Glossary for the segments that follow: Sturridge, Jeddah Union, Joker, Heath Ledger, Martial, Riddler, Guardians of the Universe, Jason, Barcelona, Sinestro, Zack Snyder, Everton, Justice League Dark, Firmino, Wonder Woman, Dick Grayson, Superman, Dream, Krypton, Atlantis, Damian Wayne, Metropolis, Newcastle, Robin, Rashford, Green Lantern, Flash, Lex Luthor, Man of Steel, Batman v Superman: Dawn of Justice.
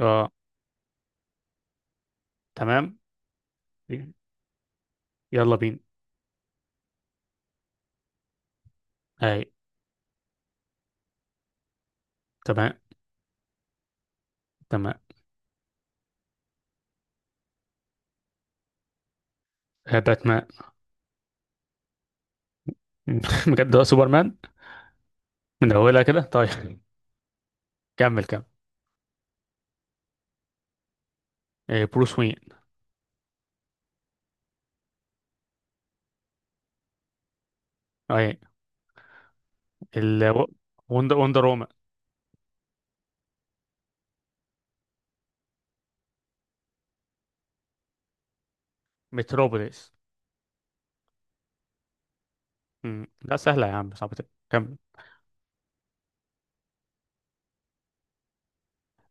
اه. تمام. يلا بينا. اي. تمام. تمام. باتمان. بجد، هو سوبرمان. من اولها كده. طيب، كمل كمل. بروس وين. اي. ال وندر وومن. متروبوليس. مم. لا، سهله يا عم، صعبه إيه؟ كمل.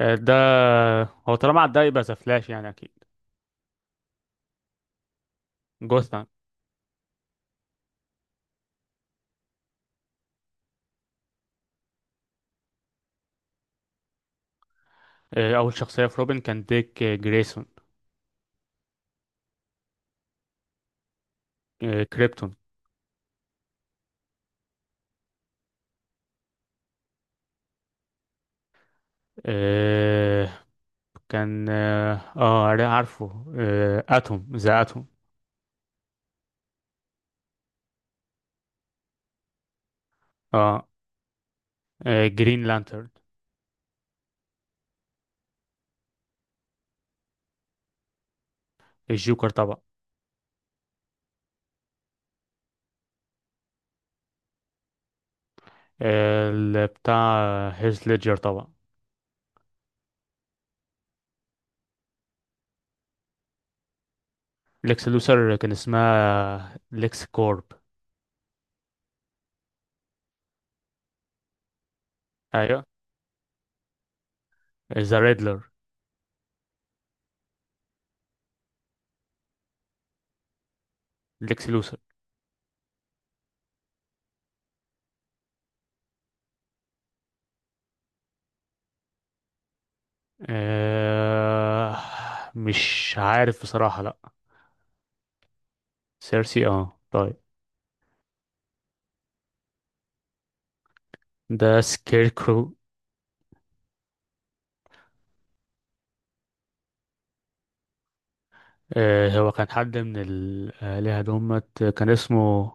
ده هو، طالما عدى يبقى ذا فلاش، يعني اكيد. جوثام. اول شخصيه في روبن كان ديك جريسون. كريبتون. آه، كان عارفه، اتوم، ذا اتوم. اه. جرين لانترن. الجوكر طبعا. بتاع هيث ليدجر طبعا. ليكس لوثر كان اسمها ليكس كورب. ايوه. ذا ريدلر. ليكس لوثر. آه، مش عارف بصراحة. لا. سيرسي، اه طيب. ده سكير كرو. هو كان حد من الآلهة، دمت كان اسمه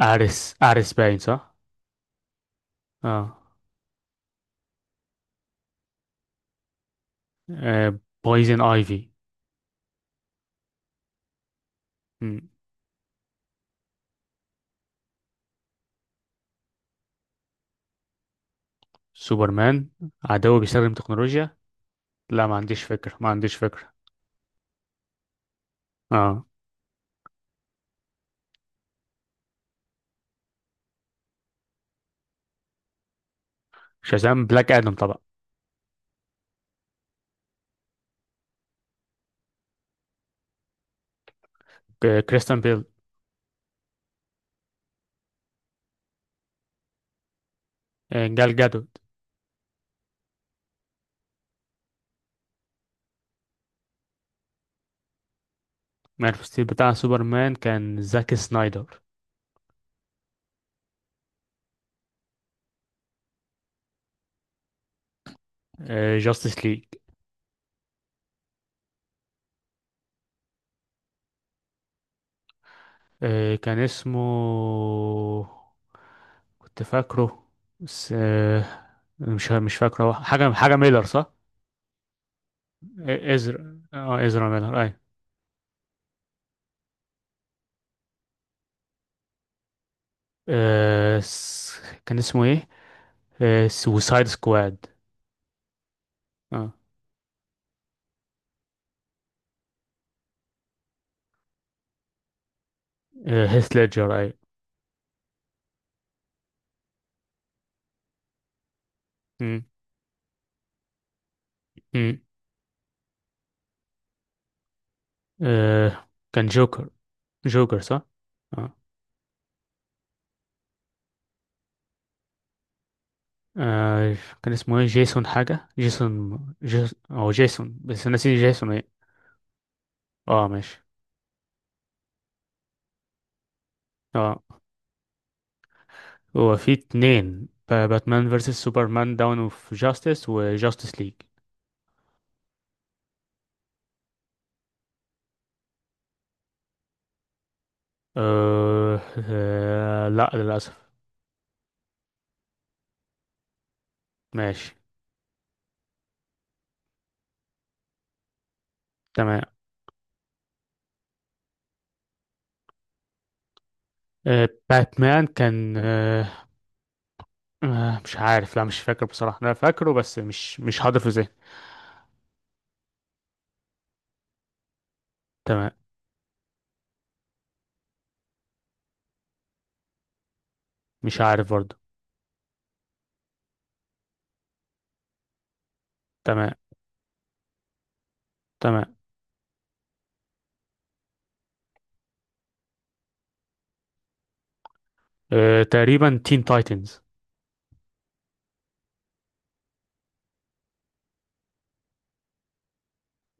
أريس. أريس، باين صح؟ اه. بويزن ايفي. سوبرمان، عدو بيستخدم تكنولوجيا. لا، ما عنديش فكرة، ما عنديش فكرة. اه. شازام، بلاك ادم طبعا. كريستيان بيل. جال جادوت. مان اوف ستيل بتاع سوبرمان كان زاك سنايدر. جاستس ليج. كان اسمه، كنت فاكره، بس مش فاكره. حاجة ميلر صح؟ ازرا، اه ازرا ميلر. اي. كان اسمه ايه؟ سوسايد سكواد. اه. هيث ليدجر. اي. مم، مم. آه، كان جوكر، جوكر صح؟ اه. آه، كان اسمه ايه؟ جيسون حاجة، او جيسون، بس أنا نسيت جيسون ايه. اه ماشي اه. هو في اتنين، باتمان فيرسس سوبرمان داون اوف جاستس، وجاستس ليج. لا، للأسف. ماشي. تمام. باتمان كان مش عارف. لا، مش فاكر بصراحة، أنا فاكره بس مش حاضر في ذهني. تمام. مش عارف برضه. تمام. تمام. تقريبا تين تايتنز.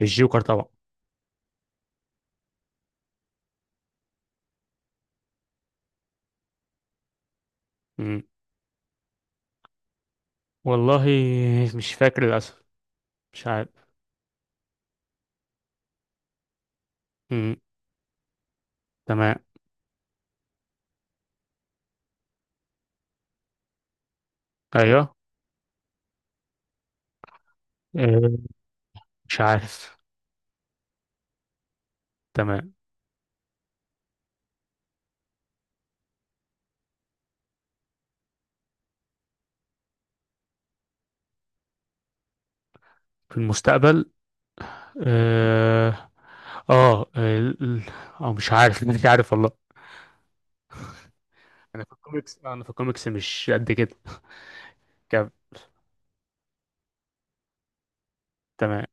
الجوكر طبعا. مم. والله، مش فاكر للأسف. مش عارف. مم. تمام. أيوه. آه، مش عارف. تمام. في المستقبل. آه آه ال- ال- أو مش عارف. مش عارف والله. أنا في الكوميكس مش قد كده. كم. تمام.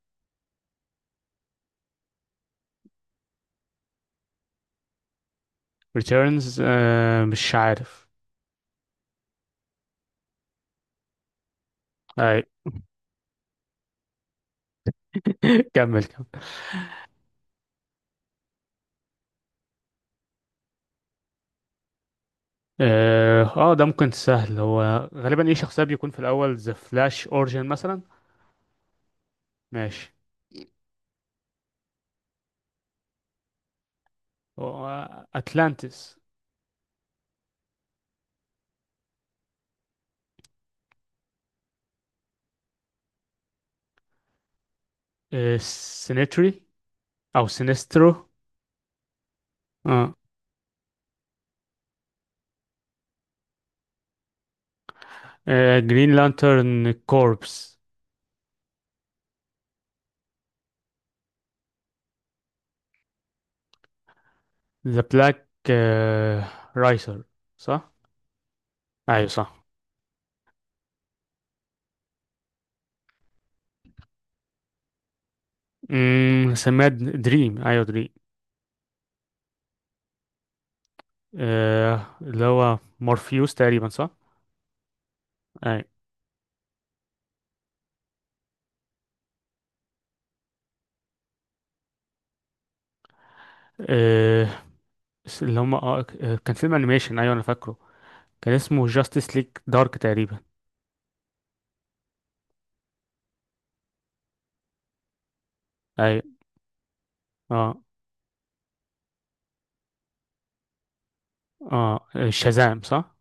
ريتيرنز، آه مش عارف. أي. كمل كمل. اه. ده ممكن سهل. هو غالبا ايه شخصية بيكون في الأول؟ ذا فلاش أورجن مثلا. ماشي. هو أتلانتس. آه، سينيتري، او سينسترو. اه. جرين لانترن كوربس. ذا بلاك رايسر، صح. ايوه صح. سميها دريم، ايوه دريم. آه، اللي هو مورفيوس تقريبا، صح. ايوه. آه اللي هم آه آه، كان فيلم انيميشن، ايوه انا فاكره، كان اسمه جاستس ليج دارك تقريبا. ايوه. اه. اه، شازام صح.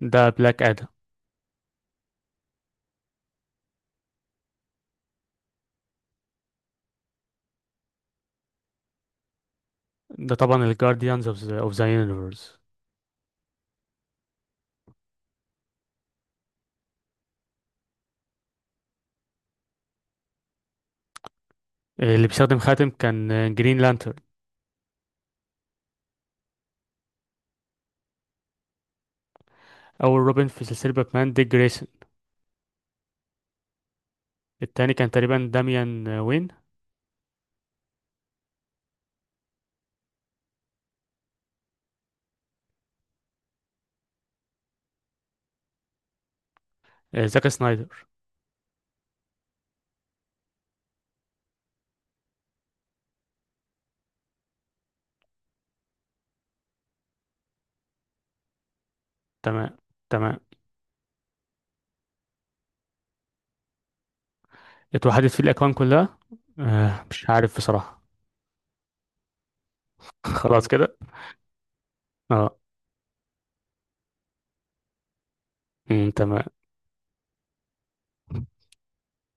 ده بلاك ادم. ده طبعا الجارديانز اوف ذا يونيفرس. اللي بيستخدم خاتم كان جرين لانترن. أول روبن في سلسلة باتمان ديك جريسون. التاني كان تقريبا داميان وين. زاك سنايدر. تمام. تمام. اتوحدت فيه الأكوان كلها. آه مش عارف بصراحة. خلاص كده. اه. تمام.